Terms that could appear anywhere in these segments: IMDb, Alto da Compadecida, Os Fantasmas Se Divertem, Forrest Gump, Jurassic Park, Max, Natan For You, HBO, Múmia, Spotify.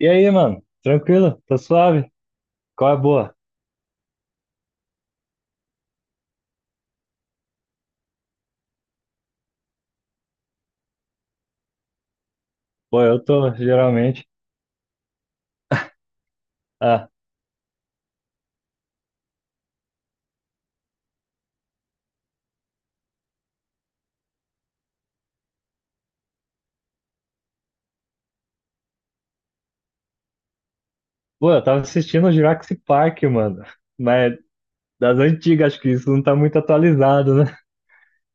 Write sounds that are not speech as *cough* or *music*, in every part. E aí, mano? Tranquilo? Tá suave? Qual é a boa? Pô, eu tô, geralmente. Ah, pô, eu tava assistindo o Jurassic Park, mano. Mas das antigas, acho que isso não tá muito atualizado, né?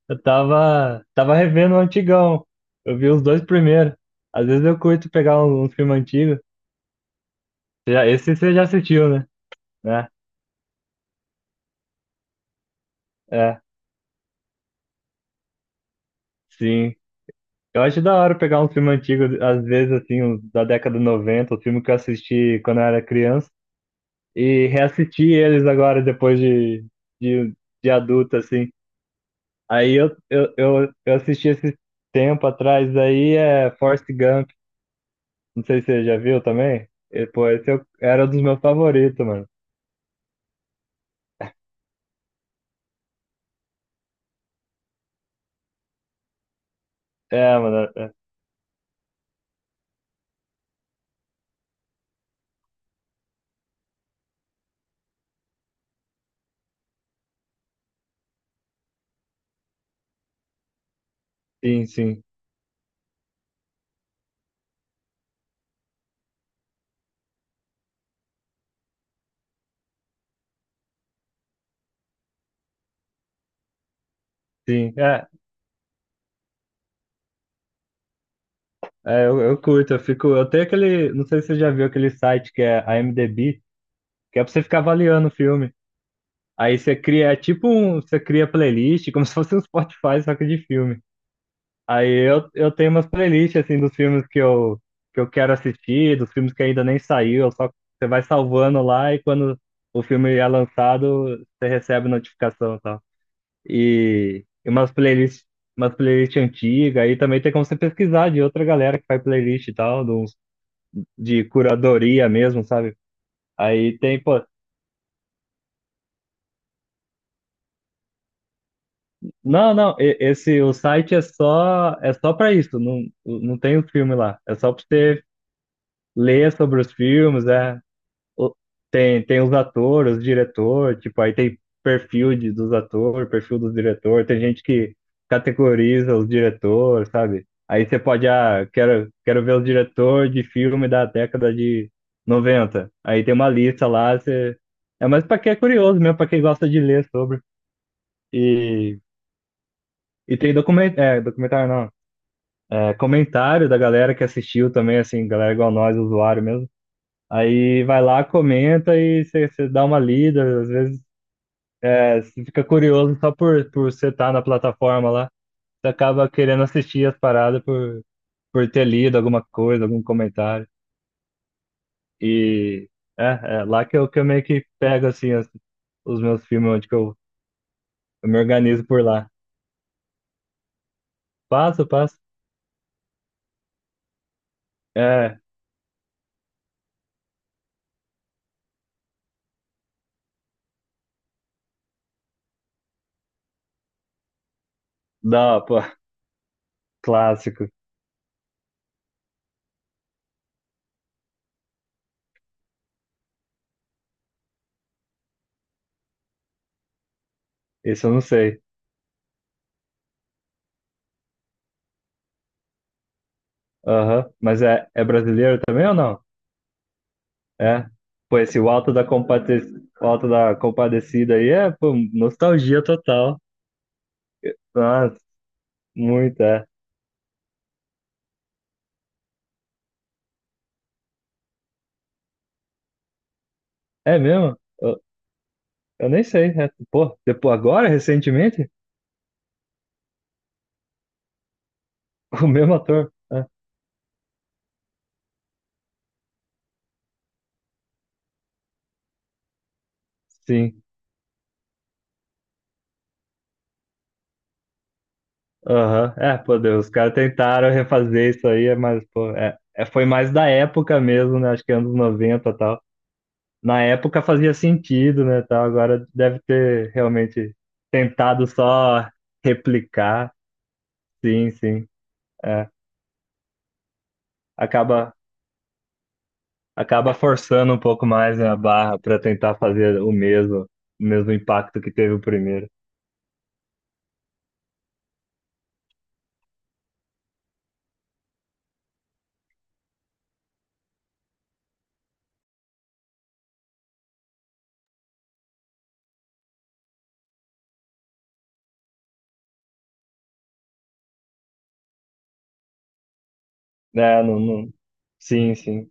Eu tava revendo o antigão. Eu vi os dois primeiros. Às vezes eu curto pegar um filme antigo. Já, esse você já assistiu, né? Né? É, sim. Eu acho da hora pegar um filme antigo, às vezes, assim, uns da década de 90, o filme que eu assisti quando eu era criança. E reassisti eles agora depois de, de adulto, assim. Aí eu assisti esse tempo atrás, aí é Forrest Gump, não sei se você já viu também. E, pô, esse eu, era um dos meus favoritos, mano. É, mano, é, é, sim, sim, sim. É, é, eu curto, eu fico. Eu tenho aquele. Não sei se você já viu aquele site que é a IMDb, que é pra você ficar avaliando o filme. Aí você cria, é tipo um. Você cria playlist, como *laughs* se fosse um Spotify, só que de filme. Aí eu tenho umas playlists, assim, dos filmes que eu quero assistir, dos filmes que ainda nem saiu, eu só você vai salvando lá e quando o filme é lançado, você recebe notificação e tal. E umas playlists antigas, aí também tem como você pesquisar de outra galera que faz playlist e tal, de curadoria mesmo, sabe? Aí tem, pô, não, esse, o site é só pra isso, não, não tem o filme lá, é só pra você ler sobre os filmes, é. o- tem os atores, os diretor, tipo, aí tem perfil dos atores, perfil dos diretor, tem gente que categoriza os diretores, sabe? Aí você pode, ah, quero ver os diretor de filme da década de noventa. Aí tem uma lista lá, você... É mais pra quem é curioso mesmo, pra quem gosta de ler sobre. E, e tem documentário, não. É, comentário da galera que assistiu também, assim, galera igual nós, usuário mesmo. Aí vai lá, comenta e você dá uma lida. Às vezes você fica curioso só por você estar na plataforma lá. Você acaba querendo assistir as paradas por ter lido alguma coisa, algum comentário. E é, é lá que eu meio que pego assim, os meus filmes, onde que eu me organizo por lá. Passo, passo. É, dá, pô, *laughs* clássico. Isso eu não sei. Aham. Mas é brasileiro também ou não? É, pô, esse o Alto da Compade... o Alto da Compadecida aí é, pô, nostalgia total. Nossa, muito, é. É mesmo? Eu nem sei. É. Pô, depois, agora, recentemente, *laughs* o mesmo ator. É, sim. Aham. É, pô, Deus, os caras tentaram refazer isso aí, mas, pô, foi mais da época mesmo, né? Acho que anos 90 e tal. Na época fazia sentido, né, tal. Agora deve ter realmente tentado só replicar. Sim, sim. É. acaba acaba forçando um pouco mais, né, a barra para tentar fazer o mesmo impacto que teve o primeiro. É, não, Sim, sim.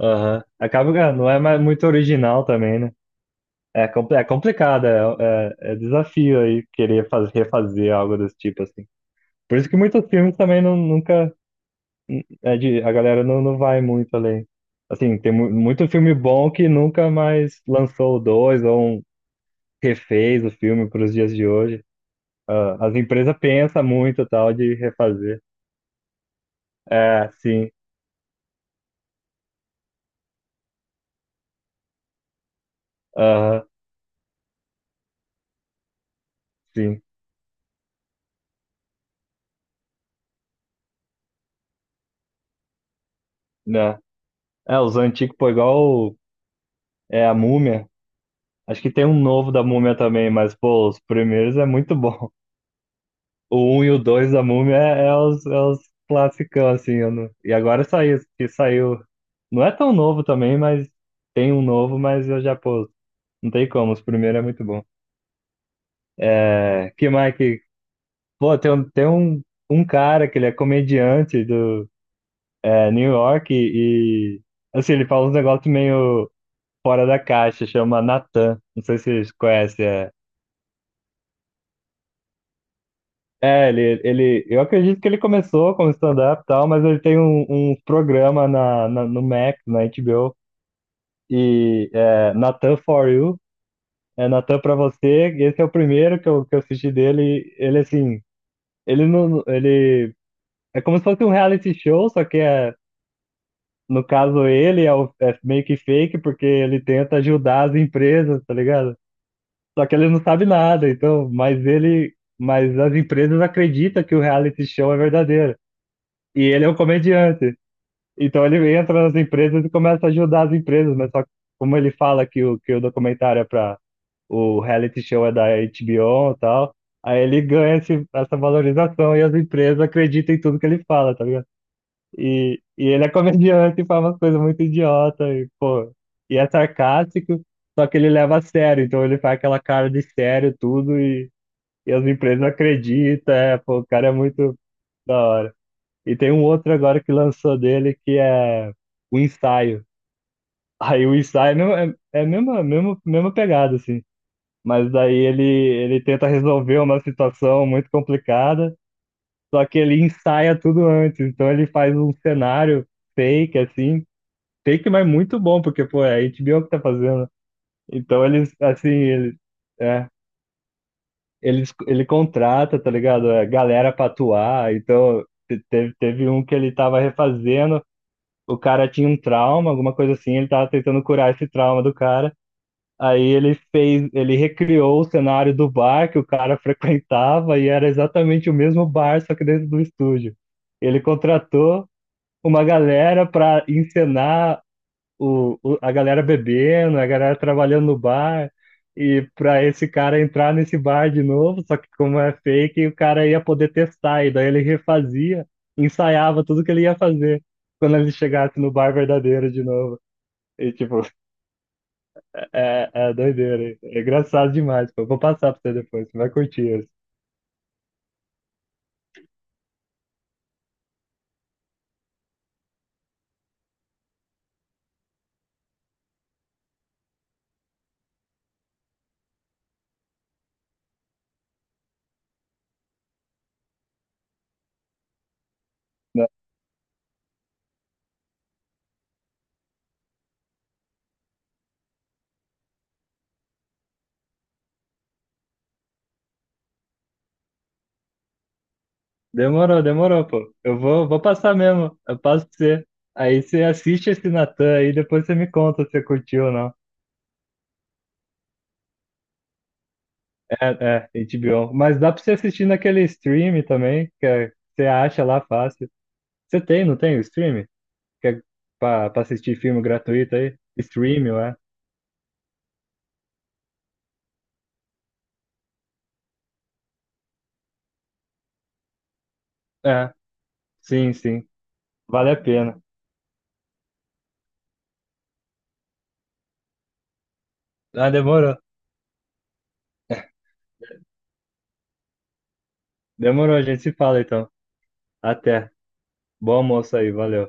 Aham. Acaba, que ah, não é mais muito original também, né? É, é complicado, é desafio aí querer refazer algo desse tipo, assim. Por isso que muitos filmes também não, nunca, a galera não vai muito além. Assim, tem muito filme bom que nunca mais lançou o dois ou um, refez o filme para os dias de hoje. Ah, as empresas pensam muito tal de refazer. É, sim. Aham, sim. Né? É, os antigos, pô, igual o- a Múmia. Acho que tem um novo da Múmia também, mas, pô, os primeiros é muito bom. O um e o 2 da Múmia é os classicão, assim. Eu não- E agora saiu, que saiu. Não é tão novo também, mas tem um novo, mas eu já, pô, não tem como. Os primeiros é muito bom. É, que mais que. Pô, tem um cara que ele é comediante New York e assim, ele fala uns negócios meio fora da caixa, chama Natan. Não sei se vocês conhecem. É, é ele, eu acredito que ele começou como stand-up e tal, mas ele tem um programa no Max, na HBO, e é Natan For You, é Natan pra você. E esse é o primeiro que eu assisti dele. E ele, assim, ele não, ele é como se fosse um reality show, só que é. No caso, ele é, é meio que fake porque ele tenta ajudar as empresas, tá ligado? Só que ele não sabe nada, então, mas as empresas acreditam que o reality show é verdadeiro. E ele é um comediante. Então ele entra nas empresas e começa a ajudar as empresas, mas só que como ele fala que o documentário é para o reality show é da HBO e tal, aí ele ganha essa valorização e as empresas acreditam em tudo que ele fala, tá ligado? E ele é comediante e fala umas coisas muito idiota e, pô, e é sarcástico, só que ele leva a sério, então ele faz aquela cara de sério tudo e as empresas acreditam, é, pô, o cara é muito da hora. E tem um outro agora que lançou dele que é o ensaio. Aí o ensaio é a mesma pegada, assim. Mas daí ele tenta resolver uma situação muito complicada, só que ele ensaia tudo antes. Então ele faz um cenário fake, assim, Take, mas muito bom, porque, pô, é a HBO que tá fazendo. Então eles, assim, eles, é, eles, ele contrata, tá ligado? É, galera pra atuar. Então teve um que ele tava refazendo, o cara tinha um trauma, alguma coisa assim, ele tava tentando curar esse trauma do cara. Aí ele recriou o cenário do bar que o cara *laughs* frequentava e era exatamente o mesmo bar, só que dentro do estúdio. Ele contratou uma galera pra encenar a galera bebendo, a galera trabalhando no bar, e para esse cara entrar nesse bar de novo, só que como é fake, o cara ia poder testar, e daí ele refazia, ensaiava tudo que ele ia fazer quando ele chegasse no bar verdadeiro de novo. E tipo, *laughs* é doideira, hein? É engraçado demais, pô. Vou passar pra você depois, você vai curtir isso. Né? Demorou, demorou, pô. Eu vou passar mesmo, eu passo pra você. Aí você assiste esse Natan aí, depois você me conta se você curtiu ou não. É, é, HBO. Mas dá pra você assistir naquele stream também, você acha lá fácil. Não tem o stream? Que é pra assistir filme gratuito aí? Stream, é? É, sim, sim. Vale a pena. Ah, demorou. Demorou, a gente se fala então. Até. Bom almoço aí, valeu.